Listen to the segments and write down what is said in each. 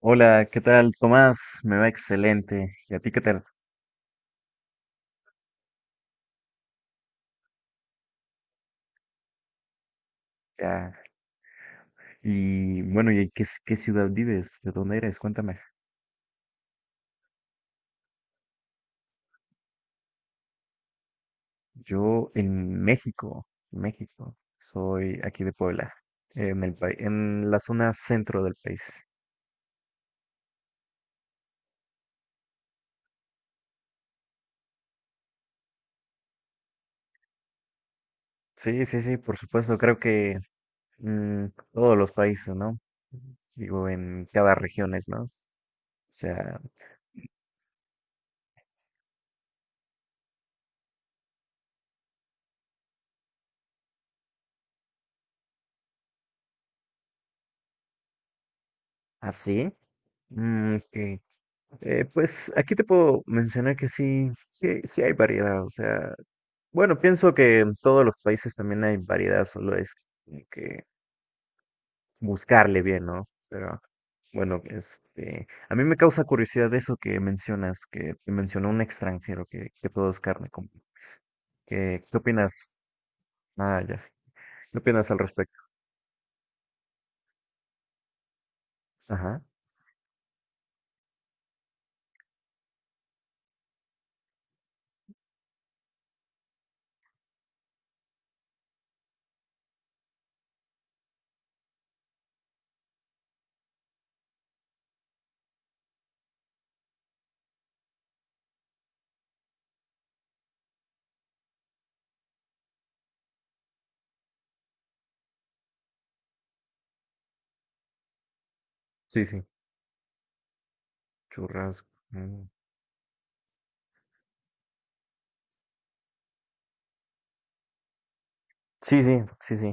Hola, ¿qué tal, Tomás? Me va excelente. ¿Y a ti qué tal? Ya. Y bueno, ¿y en qué, qué ciudad vives? ¿De dónde eres? Cuéntame. Yo en México, México. Soy aquí de Puebla, en el país, en la zona centro del país. Sí, sí, sí, por supuesto. Creo que mm, todos los países, ¿no? Digo, en cada región, ¿no? O sea, así. Ok. Pues aquí te puedo mencionar que sí, sí, sí hay variedad. O sea. Bueno, pienso que en todos los países también hay variedad, solo es como que buscarle bien, ¿no? Pero bueno, a mí me causa curiosidad eso que mencionas, que mencionó un extranjero que todo es carne. Como ¿qué opinas? Ah, ya. ¿Qué opinas al respecto? Ajá. Sí, sí. Churrasco. Mm. Sí, sí, sí, sí.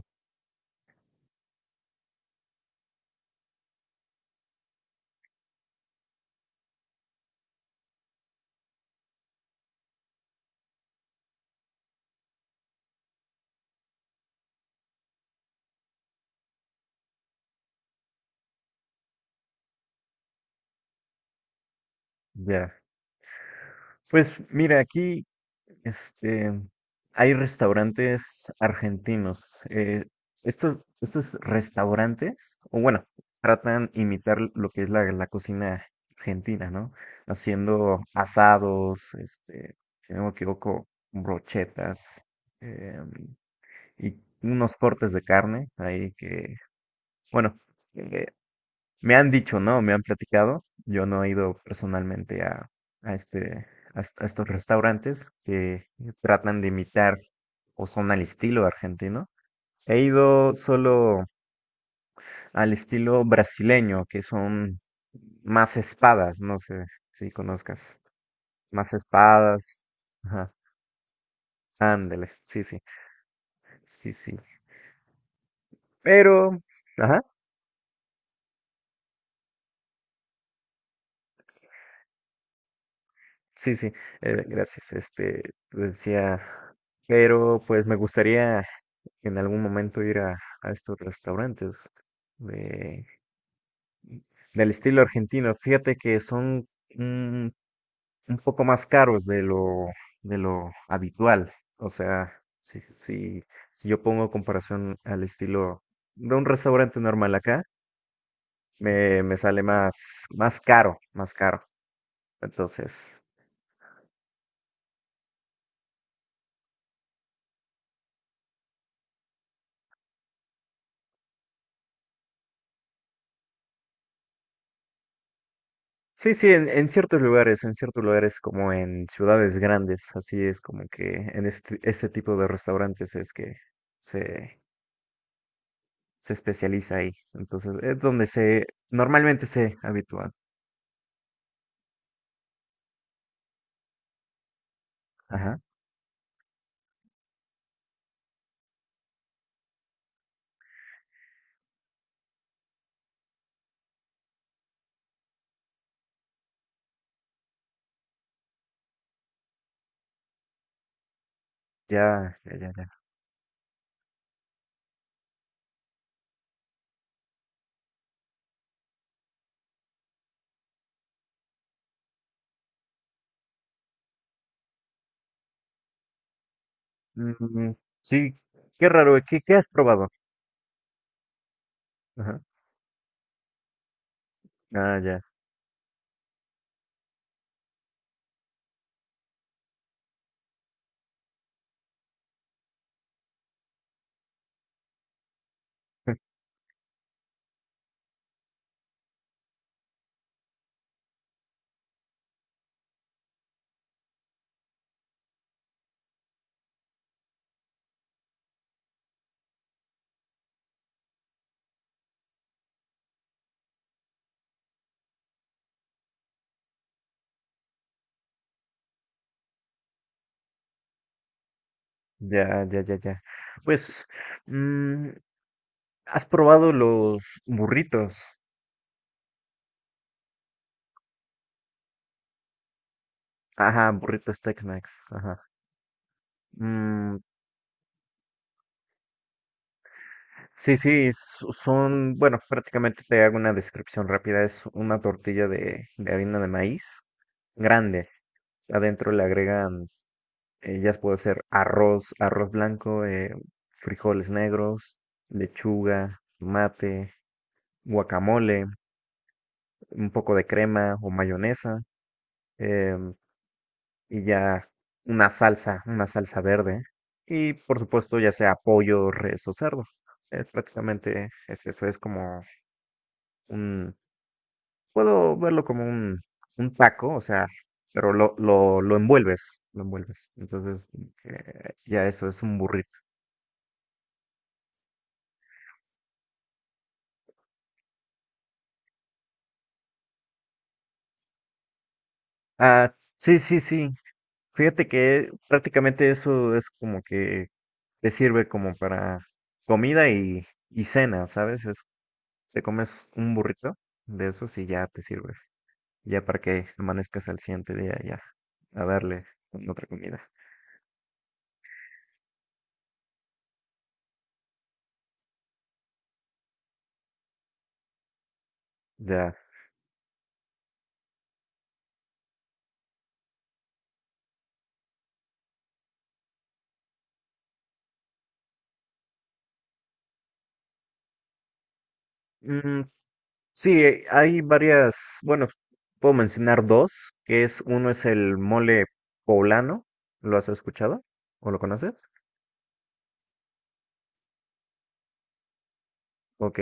Ya. Pues mira, aquí. Este, hay restaurantes argentinos. Estos restaurantes, o bueno, tratan imitar lo que es la cocina argentina, ¿no? Haciendo asados, si no me equivoco, brochetas, em, y unos cortes de carne ahí que, bueno, eh, me han dicho, ¿no? Me han platicado. Yo no he ido personalmente a a, a estos restaurantes que tratan de imitar o son al estilo argentino. He ido solo al estilo brasileño, que son más espadas, no sé si conozcas. Más espadas. Ajá. Ándale. Sí, sí. Sí, sí. Pero, ajá. Sí, sí, gracias. Decía, pero pues me gustaría en algún momento ir a estos restaurantes de, del estilo argentino. Fíjate que son un, un poco más caros de de lo habitual. O sea, si yo pongo comparación al estilo de un restaurante normal acá, me sale más, más caro, más caro. Entonces, sí, sí, en ciertos lugares como en ciudades grandes, así es como que en este tipo de restaurantes es que se, se especializa ahí. Entonces, es donde se, normalmente se habitúa. Ajá, ya, ya, ya, ya. Mm, sí, qué raro, ¿qué, qué has probado? Ajá, ah, ya, ya, ya, ya, ya. Pues, mm, ¿has probado los burritos? Ajá, burritos Tex-Mex, ajá. Mm, Sí, sí, son, bueno, prácticamente te hago una descripción rápida. Es una tortilla de harina de maíz grande. Adentro le agregan, ya puede ser arroz, arroz blanco, frijoles negros, lechuga, mate, guacamole, un poco de crema o mayonesa, em, y ya una salsa verde. Y por supuesto, ya sea pollo, res o cerdo. Prácticamente es eso, es como un, puedo verlo como un taco, o sea, pero lo envuelves, lo envuelves. Entonces, ya eso es un burrito. Ah, sí, sí, sí. Fíjate que prácticamente eso es como que te sirve como para comida y cena, ¿sabes? Es, te comes un burrito de esos y ya te sirve. Ya para que amanezcas al siguiente día, ya a darle con otra comida. Ya. Mm, sí, hay varias, bueno, puedo mencionar dos, que es, uno es el mole poblano, ¿lo has escuchado? ¿O lo conoces? Ok.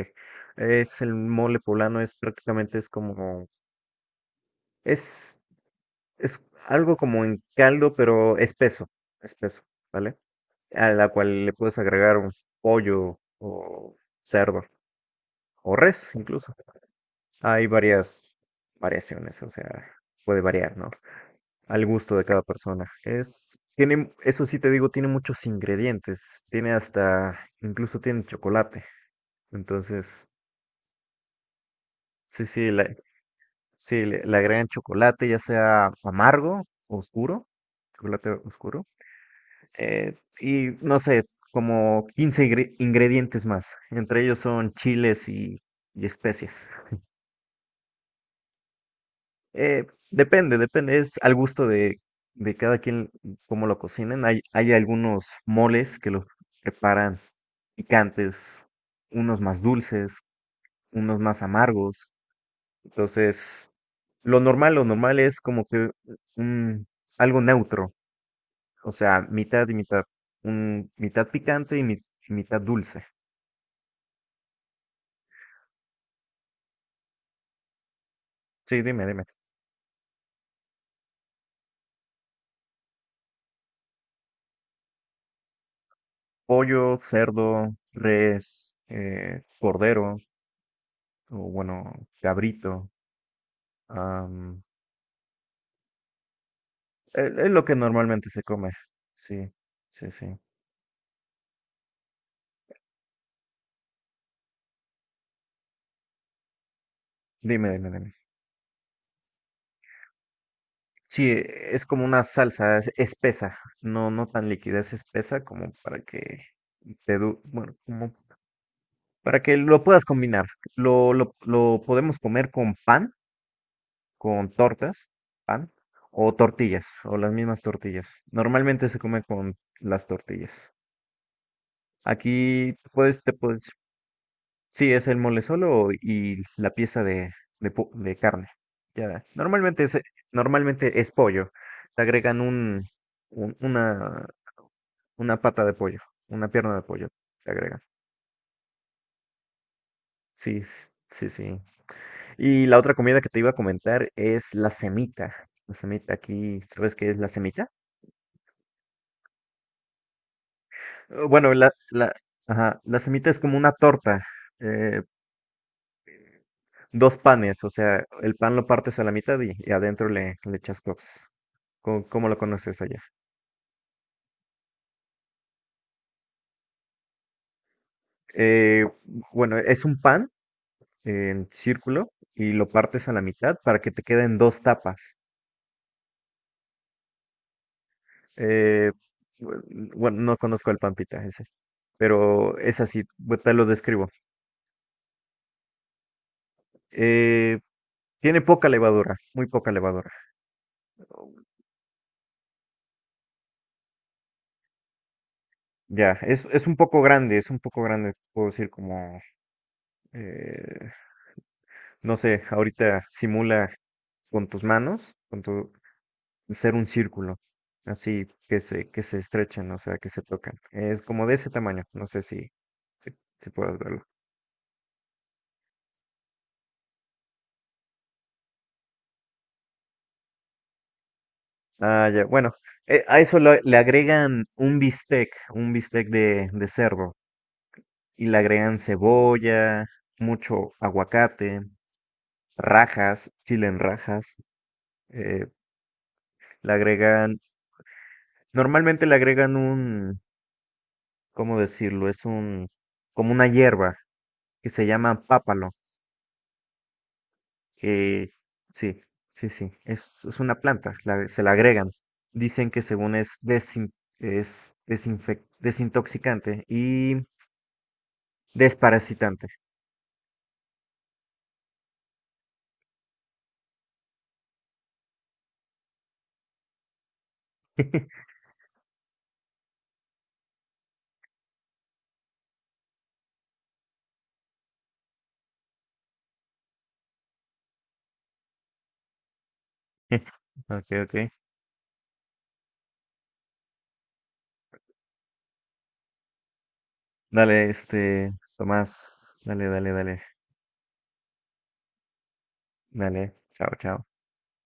Es el mole poblano, es prácticamente es como, es, es algo como en caldo, pero espeso, espeso, ¿vale? A la cual le puedes agregar un pollo o cerdo o res incluso. Hay varias variaciones, o sea, puede variar, ¿no?, al gusto de cada persona. Es, tiene, eso sí te digo, tiene muchos ingredientes. Tiene hasta, incluso tiene chocolate. Entonces, sí, sí, sí, le agregan chocolate, ya sea amargo o oscuro, chocolate oscuro. Y no sé, como 15 ingredientes más. Entre ellos son chiles y especias. Eh, depende, depende, es al gusto de cada quien cómo lo cocinen. Hay algunos moles que los preparan picantes, unos más dulces, unos más amargos. Entonces, lo normal es como que un, algo neutro, o sea, mitad y mitad, un, mitad picante y, y mitad dulce. Sí, dime, dime. Pollo, cerdo, res, cordero, o bueno, cabrito. am, es lo que normalmente se come. Sí, sí, sí. Dime, dime, dime. Sí, es como una salsa espesa, no, no tan líquida, es espesa como para que te bueno, como para que lo puedas combinar. Lo podemos comer con pan, con tortas, pan, o tortillas, o las mismas tortillas. Normalmente se come con las tortillas. Aquí puedes, te puedes, sí, es el mole solo y la pieza de, de carne. Ya, normalmente es pollo. Te agregan un un- una, Una pata de pollo, una pierna de pollo, te agrega. Sí, sí, sí. Y la otra comida que te iba a comentar es la semita. La semita aquí, ¿sabes qué es la semita? Bueno, ajá, la semita es como una torta, eh, dos panes, o sea, el pan lo partes a la mitad y adentro le echas cosas. ¿Cómo, cómo lo conoces allá? Eh, bueno, es un pan en círculo y lo partes a la mitad para que te queden dos tapas. Eh, bueno, bueno, no conozco al Pampita ese, pero es así, te lo describo. Eh, tiene poca levadura, muy poca levadura. Ya, es un poco grande, es un poco grande, puedo decir como, eh, no sé, ahorita simula con tus manos, con tu ser un círculo, así que se estrechan, o sea, que se tocan. Es como de ese tamaño, no sé si, si, si puedes verlo. Ah, ya. Bueno, a eso le agregan un bistec de cerdo, y le agregan cebolla, mucho aguacate, rajas, chile en rajas, eh, le agregan, normalmente le agregan un, ¿cómo decirlo? Es un, como una hierba que se llama pápalo, que sí, sí, sí, es una planta, se la agregan. Dicen que según es, es desintoxicante y desparasitante. Ok, ok. Dale, Tomás. Dale, dale, dale. Dale. Chao, chao.